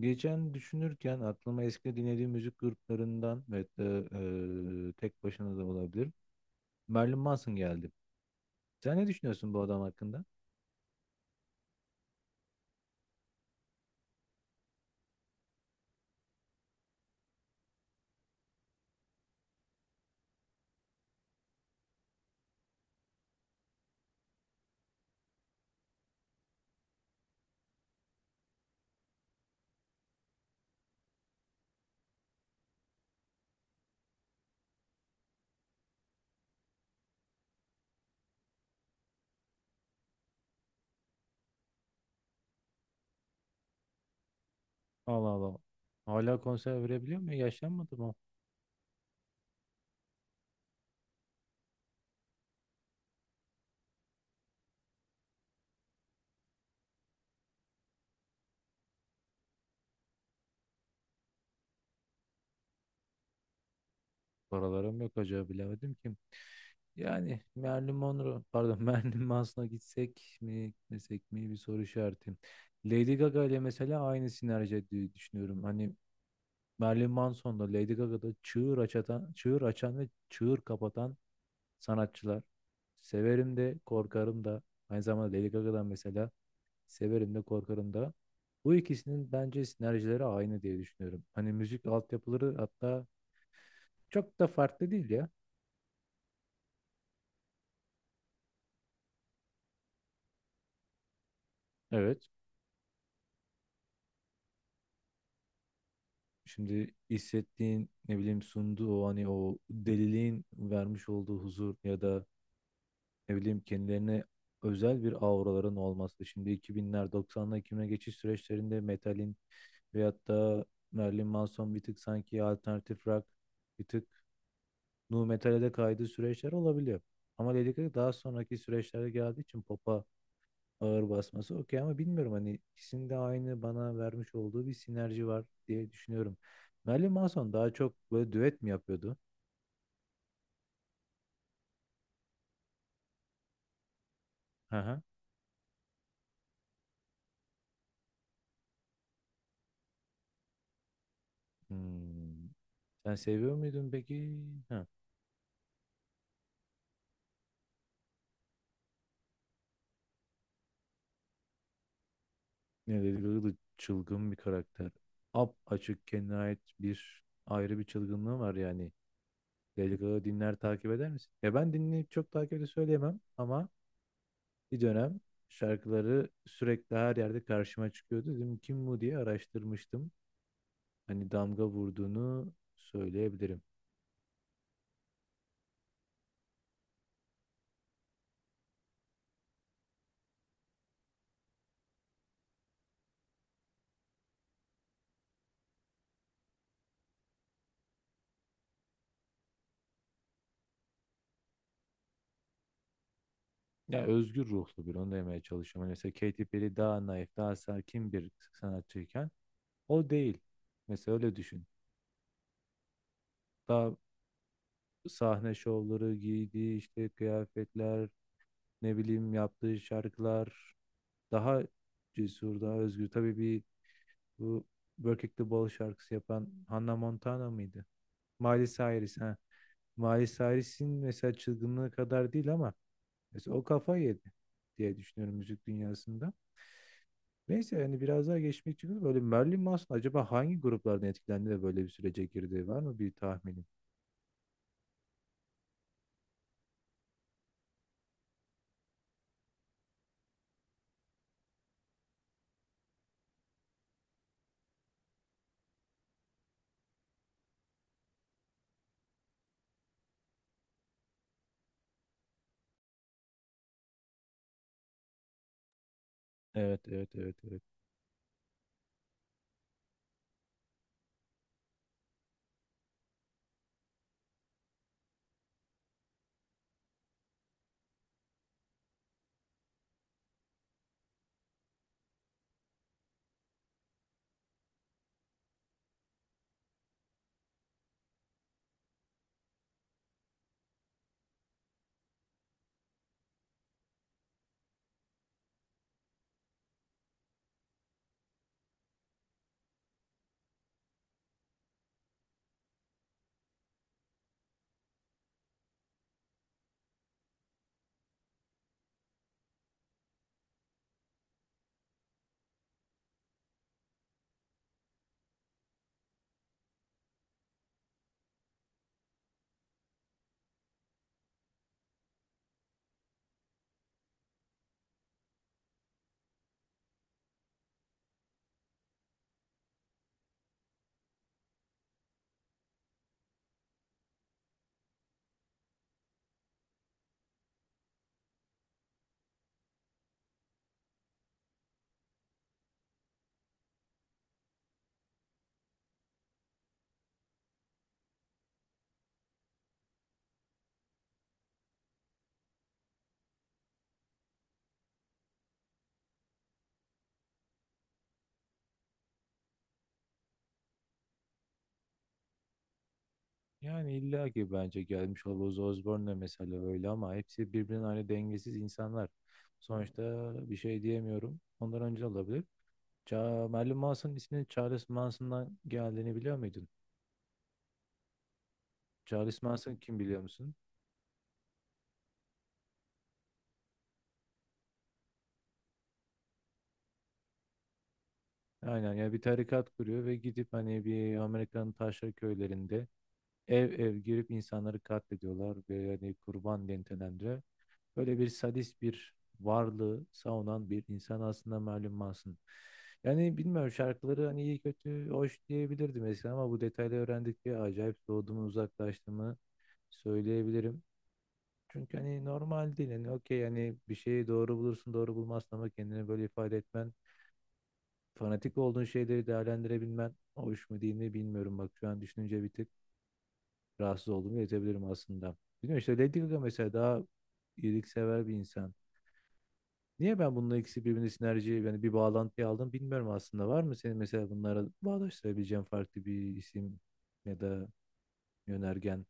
Geçen düşünürken aklıma eski dinlediğim müzik gruplarından, ve hatta tek başına da olabilir, Marilyn Manson geldi. Sen ne düşünüyorsun bu adam hakkında? Allah Allah. Hala konser verebiliyor mu? Yaşlanmadı mı? Paralarım yok, acaba bilemedim kim? Yani Marilyn Monroe, pardon, Marilyn Manson'a gitsek mi gitmesek mi, bir soru işareti. Lady Gaga ile mesela aynı sinerji ettiği düşünüyorum. Hani Marilyn Manson'da, Lady Gaga'da çığır açatan, çığır açan ve çığır kapatan sanatçılar. Severim de korkarım da. Aynı zamanda Lady Gaga'dan mesela severim de korkarım da. Bu ikisinin bence sinerjileri aynı diye düşünüyorum. Hani müzik altyapıları hatta çok da farklı değil ya. Evet. Şimdi hissettiğin ne bileyim, sunduğu o hani o deliliğin vermiş olduğu huzur, ya da ne bileyim kendilerine özel bir auraların olması. Şimdi 2000'ler, 90'lar, 2000'e geçiş süreçlerinde metalin, veyahut da Marilyn Manson, bir tık sanki alternatif rock, bir tık nu metal'e de kaydığı süreçler olabiliyor. Ama dedik ki daha sonraki süreçlere geldiği için pop'a ağır basması okey, ama bilmiyorum, hani ikisinde aynı bana vermiş olduğu bir sinerji var diye düşünüyorum. Marilyn Manson daha çok böyle düet mi yapıyordu? Hı hı. Hmm. Sen seviyor muydun peki? Hı. Ne, Lady Gaga da çılgın bir karakter. Ap açık kendine ait bir ayrı bir çılgınlığı var yani. Lady Gaga dinler, takip eder misin? Ya ben dinleyip çok takip de söyleyemem, ama bir dönem şarkıları sürekli her yerde karşıma çıkıyordu. Dedim kim bu diye araştırmıştım. Hani damga vurduğunu söyleyebilirim. Ya özgür ruhlu bir, onu demeye çalışıyorum. Hani mesela Katy Perry daha naif, daha sakin bir sanatçıyken o değil. Mesela öyle düşün. Daha sahne şovları, giydiği işte kıyafetler, ne bileyim yaptığı şarkılar daha cesur, daha özgür. Tabii bir, bu Work It The Ball şarkısı yapan Hannah Montana mıydı? Miley Cyrus ha. Miley Cyrus'in mesela çılgınlığı kadar değil, ama mesela o kafa yedi diye düşünüyorum müzik dünyasında. Neyse, yani biraz daha geçmek için, böyle Marilyn Manson acaba hangi gruplardan etkilendi de böyle bir sürece girdi, var mı bir tahminin? Evet, evet, evet, evet. Yani illa ki, bence gelmiş Ozzy Osbourne de mesela öyle, ama hepsi birbirinden aynı dengesiz insanlar. Sonuçta bir şey diyemiyorum. Ondan önce de olabilir. Ça Marilyn Manson'un isminin Charles Manson'dan geldiğini biliyor muydun? Charles Manson kim biliyor musun? Aynen ya, bir tarikat kuruyor ve gidip hani bir Amerika'nın taşra köylerinde ev ev girip insanları katlediyorlar ve hani kurban dentelendiler. Böyle bir sadist bir varlığı savunan bir insan aslında malum Manson. Yani bilmiyorum, şarkıları hani iyi kötü hoş diyebilirdim eskiden, ama bu detayları öğrendikçe acayip soğuduğumu, uzaklaştığımı söyleyebilirim. Çünkü hani normal değil, hani okey, hani bir şeyi doğru bulursun doğru bulmazsın, ama kendini böyle ifade etmen, fanatik olduğun şeyleri değerlendirebilmen hoş mu değil mi bilmiyorum, bak şu an düşününce bir tık rahatsız olduğumu yetebilirim aslında. Bilmiyorum, işte Lady Gaga mesela daha iyiliksever bir insan. Niye ben bununla ikisi birbirine sinerji, yani bir bağlantı aldım bilmiyorum aslında. Var mı senin mesela bunlara bağdaştırabileceğin farklı bir isim ya da yönergen?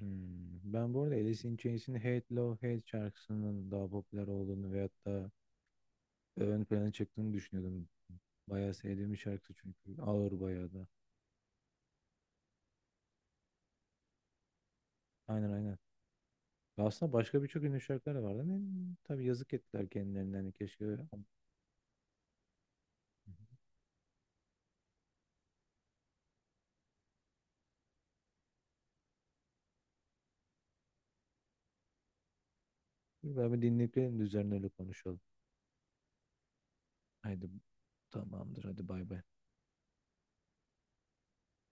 Hmm, ben bu arada Alice in Chains'in Hate Love Hate şarkısının daha popüler olduğunu veyahut da ön plana çıktığını düşünüyordum. Bayağı sevdiğim bir şarkı çünkü. Ağır bayağı da. Aynen, aynen. Ya aslında başka birçok ünlü şarkılar da vardı, ama tabii yazık ettiler kendilerine. Yani keşke... öyle. Ben bir dinleyip gelelim de üzerine öyle konuşalım. Haydi, tamamdır, hadi bay bay.